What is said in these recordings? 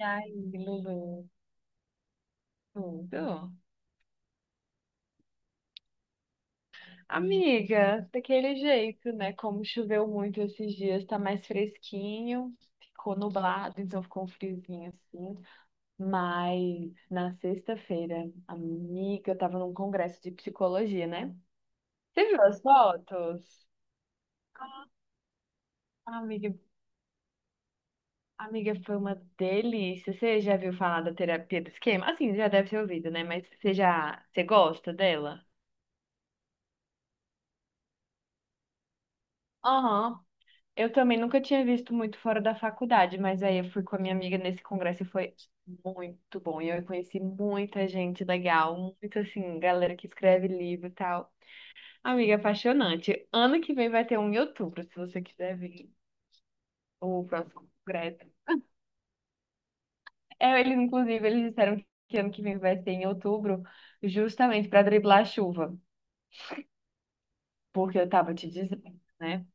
Ai, Lulu, tudo. Amiga, daquele jeito, né? Como choveu muito esses dias, tá mais fresquinho, ficou nublado, então ficou um friozinho assim. Mas na sexta-feira, amiga, eu tava num congresso de psicologia, né? Você viu as fotos? Ah, amiga, amiga, foi uma delícia. Você já viu falar da terapia do esquema? Assim, já deve ter ouvido, né? Mas você gosta dela? Aham. Eu também nunca tinha visto muito fora da faculdade, mas aí eu fui com a minha amiga nesse congresso e foi muito bom. E eu conheci muita gente legal, muito assim, galera que escreve livro e tal. Amiga, apaixonante. Ano que vem vai ter um em outubro, se você quiser vir, o próximo congresso. É, eles, inclusive, eles disseram que ano que vem vai ser em outubro, justamente para driblar a chuva, porque eu tava te dizendo, né?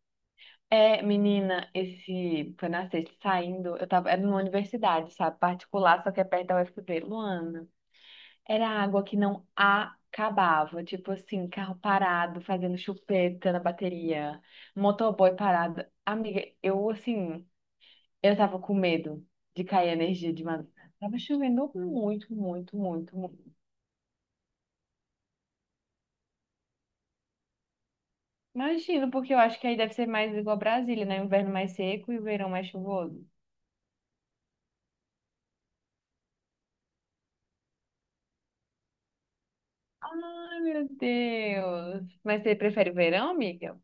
É, menina, esse foi na sexta, saindo, era numa universidade, sabe, particular, só que é perto da UFB, Luana. Era água que não acabava, tipo assim, carro parado, fazendo chupeta na bateria, motoboy parado. Amiga, eu tava com medo de cair energia de madrugada. Tava chovendo muito, muito, muito, muito. Imagino, porque eu acho que aí deve ser mais igual Brasília, né? Inverno mais seco e o verão mais chuvoso. Ai, meu Deus. Mas você prefere o verão, amiga?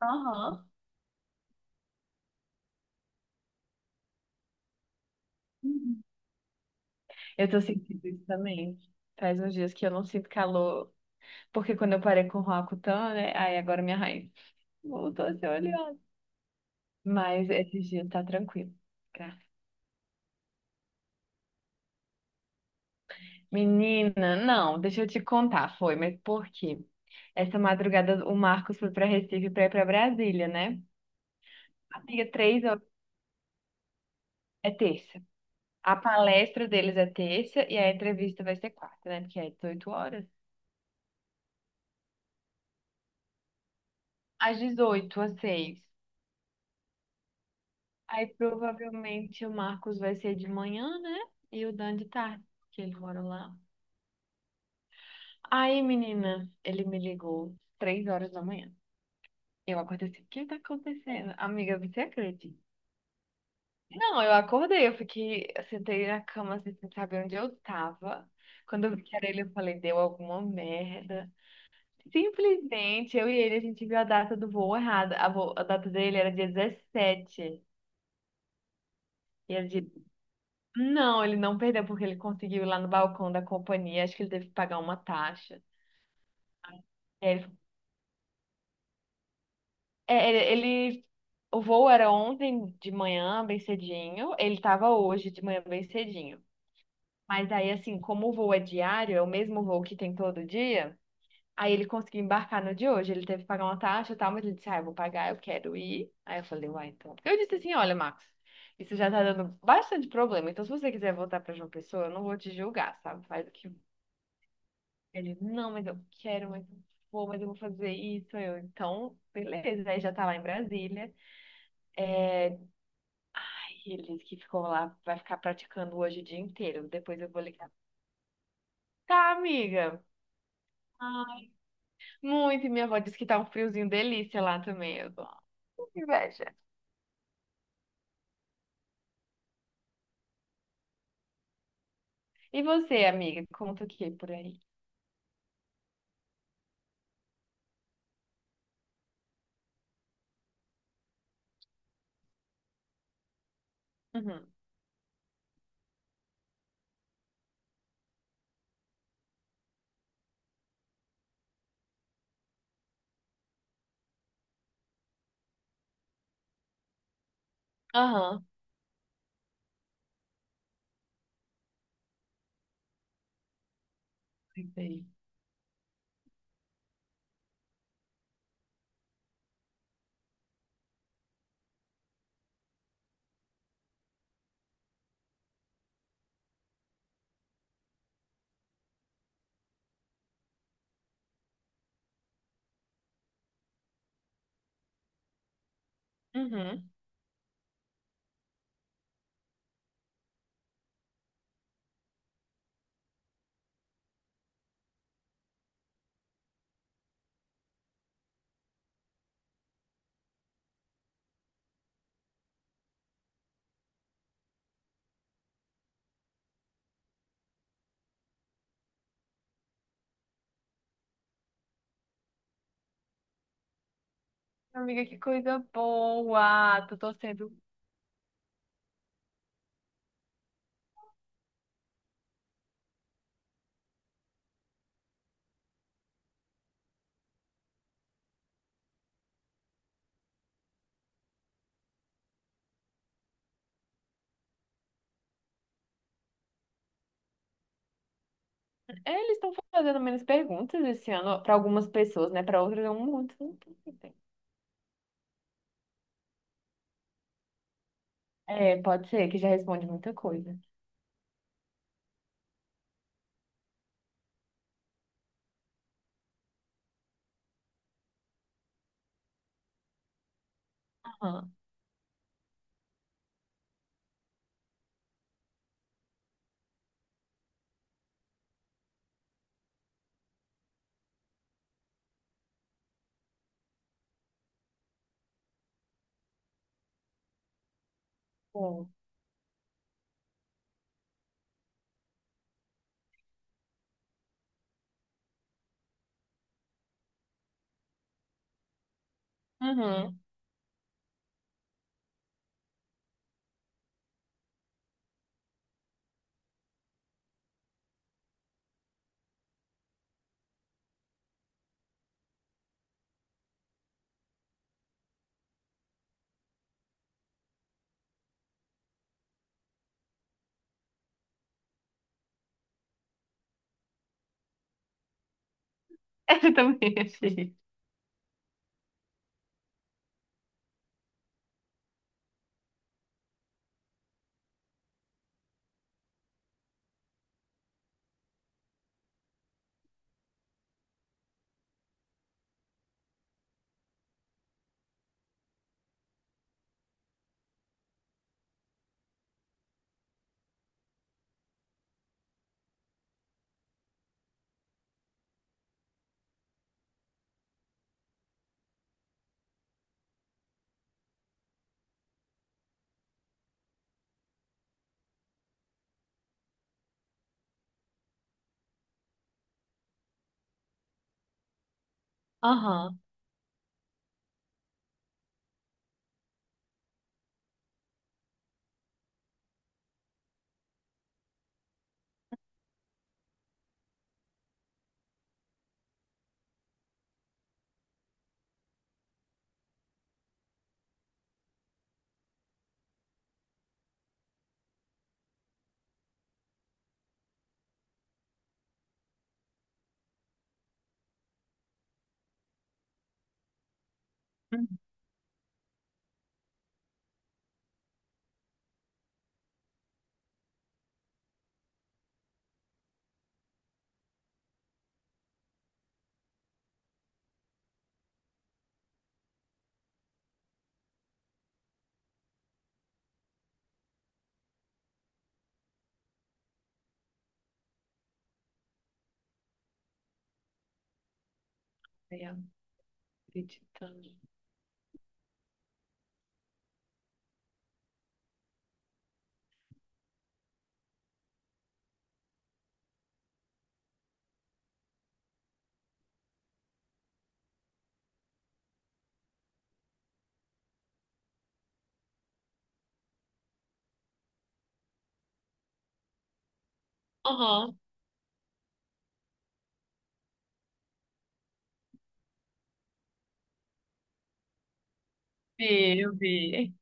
Aham. Uhum. Eu tô sentindo isso também. Faz uns dias que eu não sinto calor, porque quando eu parei com o Roacutan, né? Aí agora minha raiz voltou a ser oleosa. Mas esses dias tá tranquilo, tá? Menina, não, deixa eu te contar, foi, mas por quê? Essa madrugada o Marcos foi pra Recife pra ir pra Brasília, né? Amiga, 3 horas. É terça. A palestra deles é terça e a entrevista vai ser quarta, né? Porque é 18 horas. Às 18h às 6h. Aí provavelmente o Marcos vai ser de manhã, né? E o Dan de tarde, que eles moram lá. Aí, menina, ele me ligou 3 horas da manhã. Eu acordei assim, o que tá acontecendo? Amiga, você acredita? Não, eu acordei, eu fiquei, eu sentei na cama assim, sem saber onde eu tava. Quando eu vi que era ele, eu falei, deu alguma merda. Simplesmente eu e ele, a gente viu a data do voo errada. A data dele era dia 17. E era dia... Não, ele não perdeu porque ele conseguiu ir lá no balcão da companhia. Acho que ele teve que pagar uma taxa. E aí Ele, é, ele- o voo era ontem de manhã, bem cedinho. Ele estava hoje de manhã, bem cedinho. Mas aí, assim, como o voo é diário, é o mesmo voo que tem todo dia. Aí ele conseguiu embarcar no de hoje, ele teve que pagar uma taxa e tal, mas ele disse, ah, eu vou pagar, eu quero ir. Aí eu falei, uai, então. Eu disse assim, olha, Max, isso já tá dando bastante problema, então se você quiser voltar pra João Pessoa, eu não vou te julgar, sabe? Faz o que... Ele, não, mas eu quero, mas eu vou fazer isso. Beleza, aí já tá lá em Brasília. É, e ele disse que ficou lá, vai ficar praticando hoje o dia inteiro. Depois eu vou ligar. Tá, amiga. Muito, e minha avó disse que tá um friozinho delícia lá também. Eu tô, "Ah, que inveja." E você, amiga, conta o que por aí? Uhum. Aham. Lembrei. Uhum. Amiga, que coisa boa. Tô torcendo. É, eles estão fazendo menos perguntas esse ano para algumas pessoas, né? Para outras é um monte, não tem que ter. É, pode ser que já responde muita coisa. Aham. Bom. Uhum. Eu também achei. Aham. Uhum. Ai, acreditando. Aham. Vi, eu vi.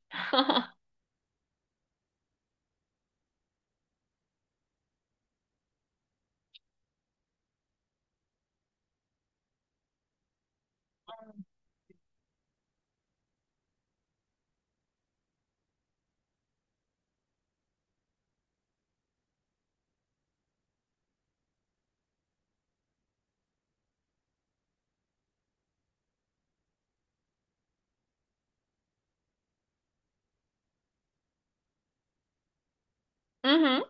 Uhum.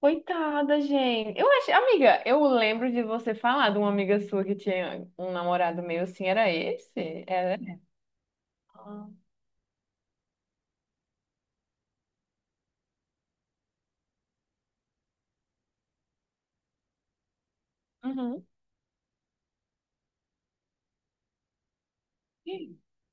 Coitada, gente. Eu acho, amiga, eu lembro de você falar de uma amiga sua que tinha um namorado meu assim, era esse? Era? Ah. Uhum.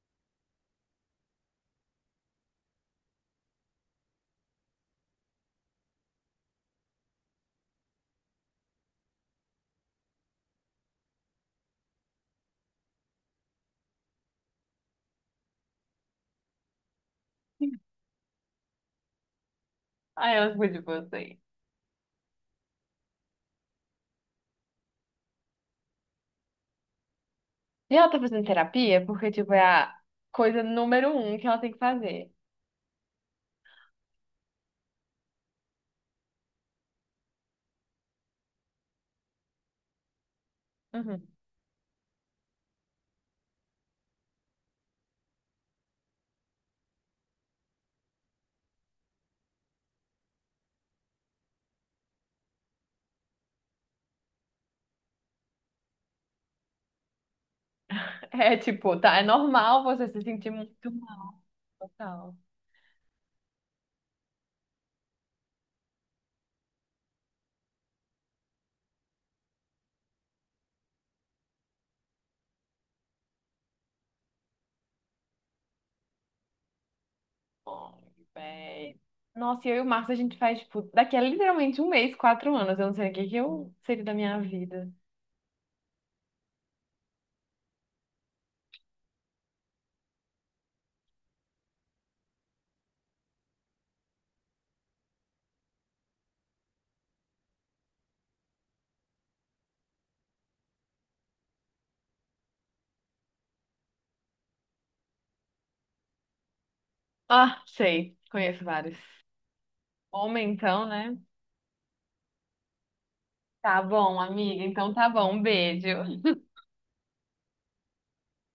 Aí ela ficou tipo assim. E ela tá fazendo terapia porque, tipo, é a coisa número um que ela tem que fazer. Uhum. É, tipo, tá, é normal você se sentir muito mal, tal. Ai, véi. Nossa, e eu e o Marcos, a gente faz, tipo, daqui a literalmente um mês, 4 anos. Eu não sei o que que eu seria da minha vida. Ah, sei, conheço vários. Homem, então, né? Tá bom, amiga, então tá bom, um beijo.